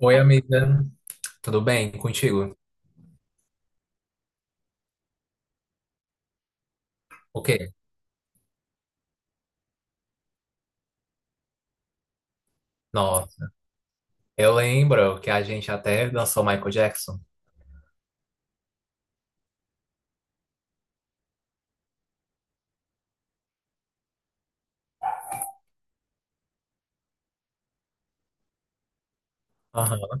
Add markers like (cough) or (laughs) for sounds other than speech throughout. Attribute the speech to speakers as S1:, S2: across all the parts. S1: Oi, amiga. Tudo bem contigo? O quê? Nossa, eu lembro que a gente até dançou Michael Jackson. Aham.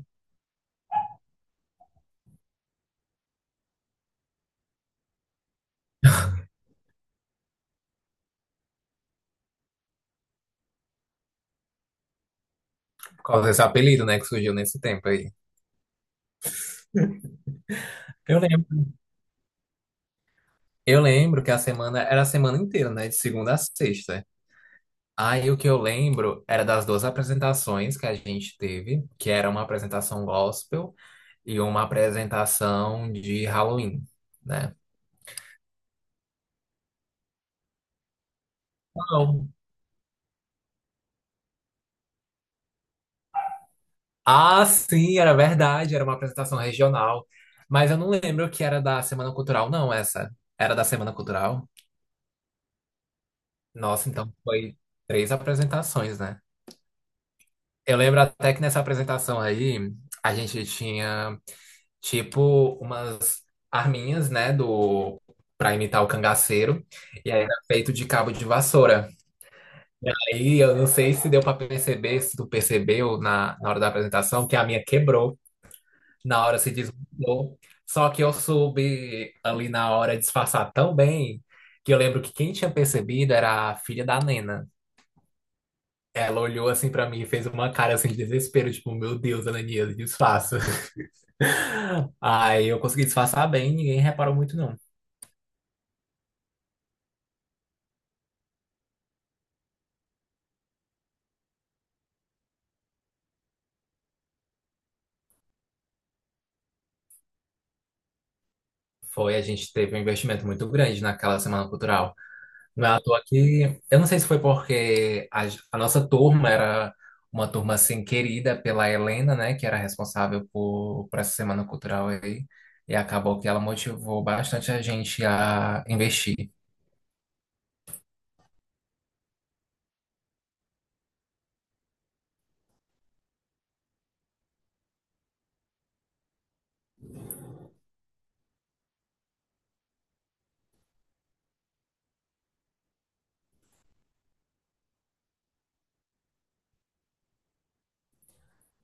S1: Por causa desse apelido, né, que surgiu nesse tempo aí. Eu lembro. Eu lembro que a semana era a semana inteira, né, de segunda a sexta. Aí o que eu lembro era das duas apresentações que a gente teve, que era uma apresentação gospel e uma apresentação de Halloween, né? Qual? Ah, sim, era verdade, era uma apresentação regional. Mas eu não lembro que era da Semana Cultural, não, essa. Era da Semana Cultural? Nossa, então foi três apresentações, né? Eu lembro até que nessa apresentação aí, a gente tinha, tipo, umas arminhas, né, do pra imitar o cangaceiro. E aí era feito de cabo de vassoura. E aí, eu não sei se deu pra perceber, se tu percebeu na hora da apresentação, que a minha quebrou. Na hora se desmontou. Só que eu soube ali na hora disfarçar tão bem que eu lembro que quem tinha percebido era a filha da Nena. Ela olhou assim pra mim e fez uma cara assim de desespero, tipo, meu Deus, Ananias, disfarça. (laughs) Aí eu consegui disfarçar bem, ninguém reparou muito não. Foi, a gente teve um investimento muito grande naquela semana cultural. Ah, tô aqui. Eu não sei se foi porque a, nossa turma era uma turma assim querida pela Helena, né, que era responsável por essa semana cultural aí, e acabou que ela motivou bastante a gente a investir.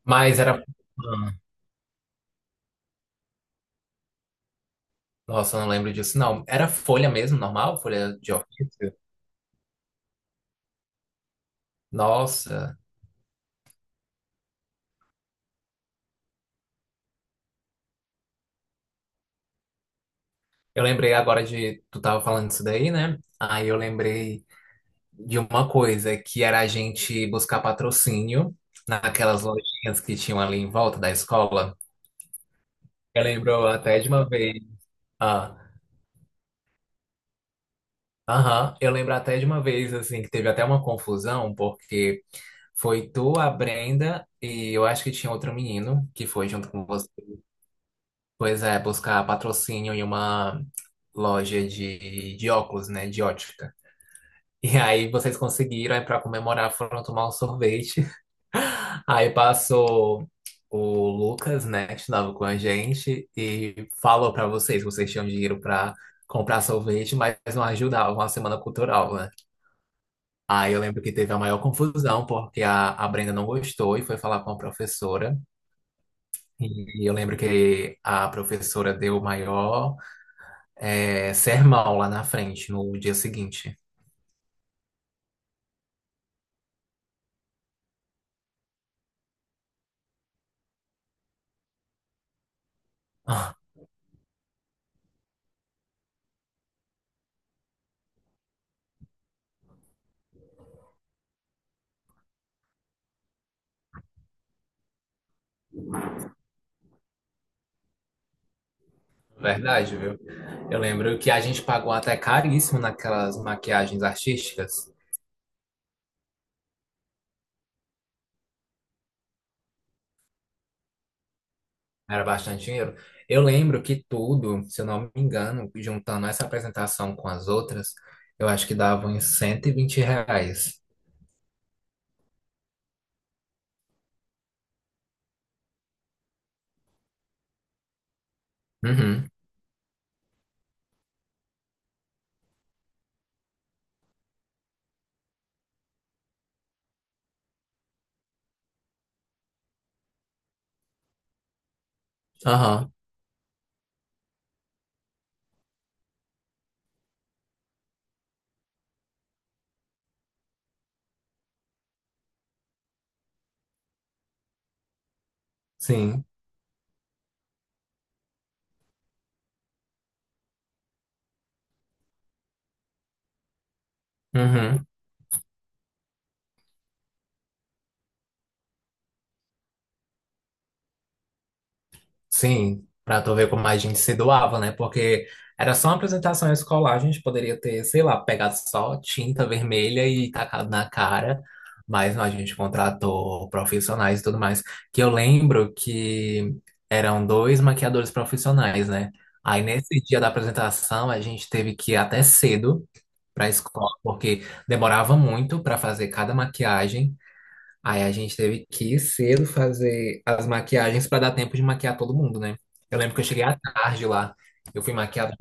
S1: Mas era. Ah, nossa, eu não lembro disso, não. Era folha mesmo, normal, folha de ofício. Nossa, eu lembrei agora de. Tu tava falando disso daí, né? Aí eu lembrei de uma coisa que era a gente buscar patrocínio naquelas lojinhas que tinham ali em volta da escola. Eu lembro até de uma vez. Ah, aham, eu lembro até de uma vez assim que teve até uma confusão, porque foi tu, a Brenda e eu acho que tinha outro menino que foi junto com você. Pois é, buscar patrocínio em uma loja de óculos, né, de ótica. E aí vocês conseguiram, aí para comemorar foram tomar um sorvete. Aí passou o Lucas, né, que estudava com a gente, e falou pra vocês que vocês tinham dinheiro pra comprar sorvete, mas não ajudavam a semana cultural, né? Aí eu lembro que teve a maior confusão, porque a Brenda não gostou e foi falar com a professora. E eu lembro que a professora deu o maior sermão lá na frente, no dia seguinte. (laughs) Verdade, viu? Eu lembro que a gente pagou até caríssimo naquelas maquiagens artísticas. Era bastante dinheiro. Eu lembro que tudo, se eu não me engano, juntando essa apresentação com as outras, eu acho que dava uns R$ 120. Uhum. Aham. Sim. Uhum. Sim, pra tu ver como a gente se doava, né? Porque era só uma apresentação escolar, a gente poderia ter, sei lá, pegado só tinta vermelha e tacado na cara, mas não, a gente contratou profissionais e tudo mais. Que eu lembro que eram dois maquiadores profissionais, né? Aí nesse dia da apresentação a gente teve que ir até cedo pra escola, porque demorava muito pra fazer cada maquiagem. Aí a gente teve que ir cedo fazer as maquiagens para dar tempo de maquiar todo mundo, né? Eu lembro que eu cheguei à tarde lá. Eu fui maquiado,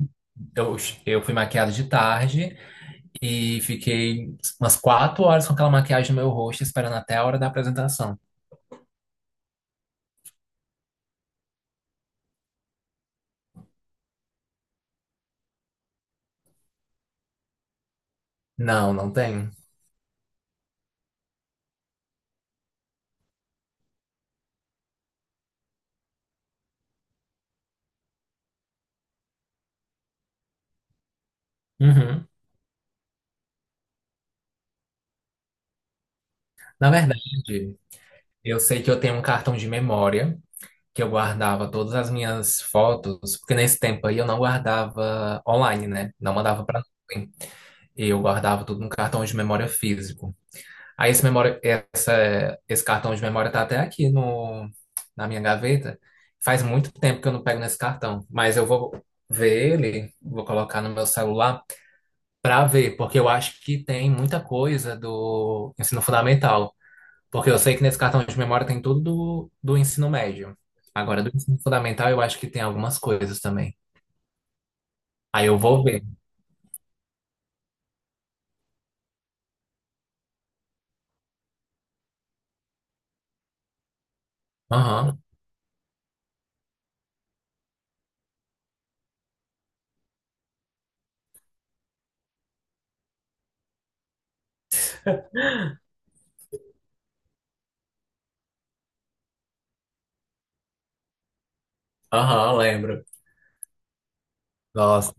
S1: eu, eu fui maquiado de tarde e fiquei umas 4 horas com aquela maquiagem no meu rosto, esperando até a hora da apresentação. Não, não tenho. Uhum. Na verdade, eu sei que eu tenho um cartão de memória que eu guardava todas as minhas fotos, porque nesse tempo aí eu não guardava online, né? Não mandava para nuvem. Eu guardava tudo num cartão de memória físico. Aí esse cartão de memória tá até aqui no, na minha gaveta. Faz muito tempo que eu não pego nesse cartão, mas eu vou ver ele, vou colocar no meu celular para ver, porque eu acho que tem muita coisa do ensino fundamental, porque eu sei que nesse cartão de memória tem tudo do ensino médio. Agora, do ensino fundamental, eu acho que tem algumas coisas também. Aí eu vou ver. Aham, aham, lembro. Nossa.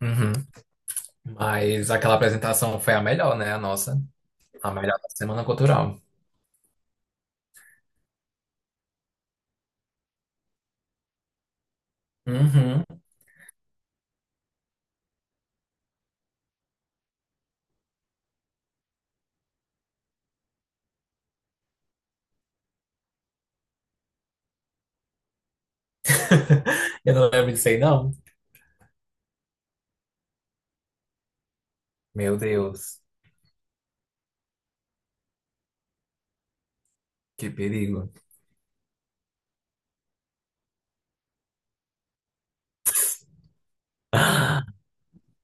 S1: Uhum. Mas aquela apresentação foi a melhor, né? A nossa. A melhor da Semana Cultural. Uhum. (laughs) Eu não lembro disso aí, não. Meu Deus, que perigo.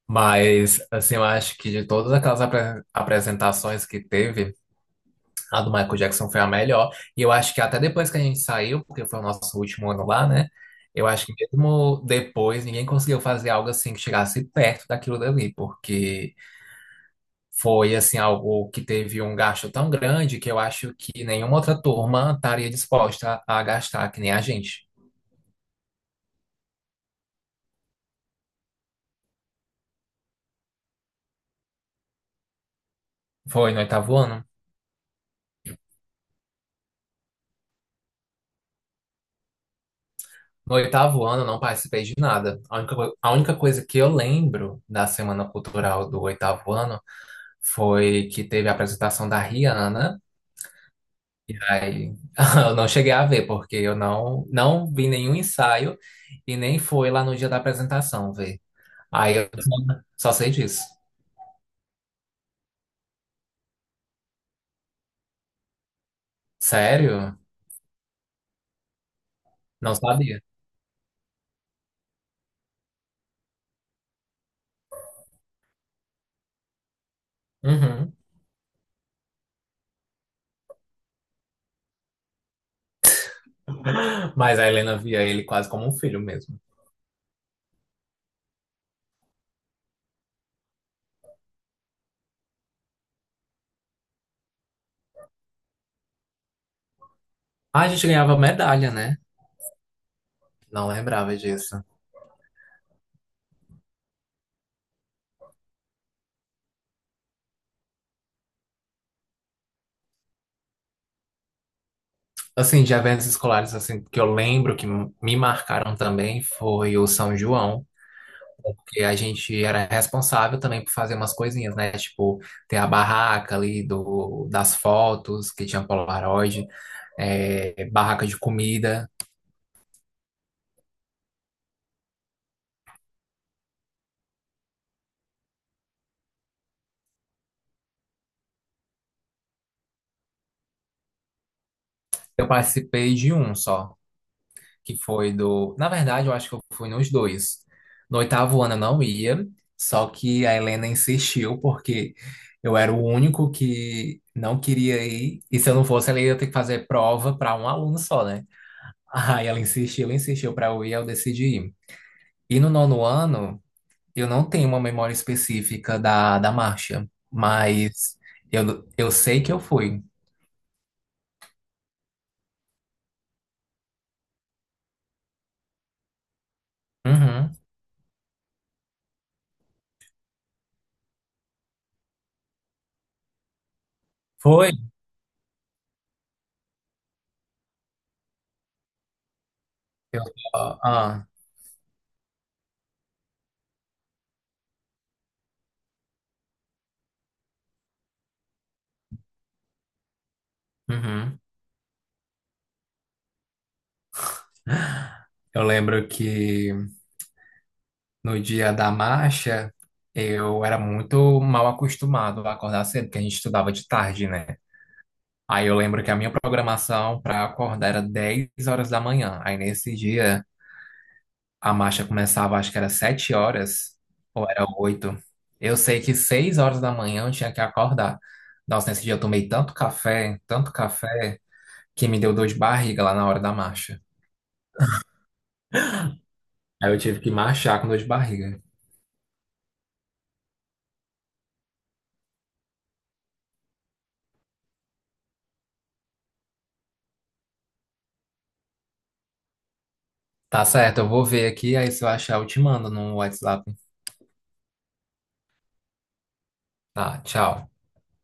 S1: Mas, assim, eu acho que de todas aquelas apresentações que teve, a do Michael Jackson foi a melhor. E eu acho que até depois que a gente saiu, porque foi o nosso último ano lá, né? Eu acho que mesmo depois, ninguém conseguiu fazer algo assim que chegasse perto daquilo dali, porque. Foi assim algo que teve um gasto tão grande que eu acho que nenhuma outra turma estaria disposta a gastar que nem a gente. Foi no oitavo ano. No oitavo ano eu não participei de nada. A única, a única coisa que eu lembro da Semana Cultural do oitavo ano foi que teve a apresentação da Rihanna, né? E aí (laughs) eu não cheguei a ver, porque eu não, não vi nenhum ensaio e nem fui lá no dia da apresentação ver. Aí eu só sei disso. Sério? Não sabia. Uhum. Mas a Helena via ele quase como um filho mesmo. Ah, a gente ganhava medalha, né? Não lembrava disso. Assim, de eventos escolares, assim, que eu lembro que me marcaram também foi o São João, porque a gente era responsável também por fazer umas coisinhas, né? Tipo, ter a barraca ali do, das fotos, que tinha Polaroid, é, barraca de comida. Eu participei de um só, que foi do. Na verdade, eu acho que eu fui nos dois. No oitavo ano eu não ia, só que a Helena insistiu, porque eu era o único que não queria ir, e se eu não fosse, ela ia ter que fazer prova para um aluno só, né? Aí ela insistiu, insistiu para eu ir, eu decidi ir. E no nono ano, eu não tenho uma memória específica da marcha, mas eu sei que eu fui. Uhum. Foi. Eu, ah, uhum. Eu lembro que. No dia da marcha, eu era muito mal acostumado a acordar cedo, porque a gente estudava de tarde, né? Aí eu lembro que a minha programação para acordar era 10 horas da manhã. Aí nesse dia, a marcha começava, acho que era 7 horas, ou era 8. Eu sei que 6 horas da manhã eu tinha que acordar. Nossa, nesse dia eu tomei tanto café, que me deu dor de barriga lá na hora da marcha. Aí eu tive que marchar com dor de barriga. Tá certo, eu vou ver aqui, aí se eu achar eu te mando no WhatsApp. Tá, tchau.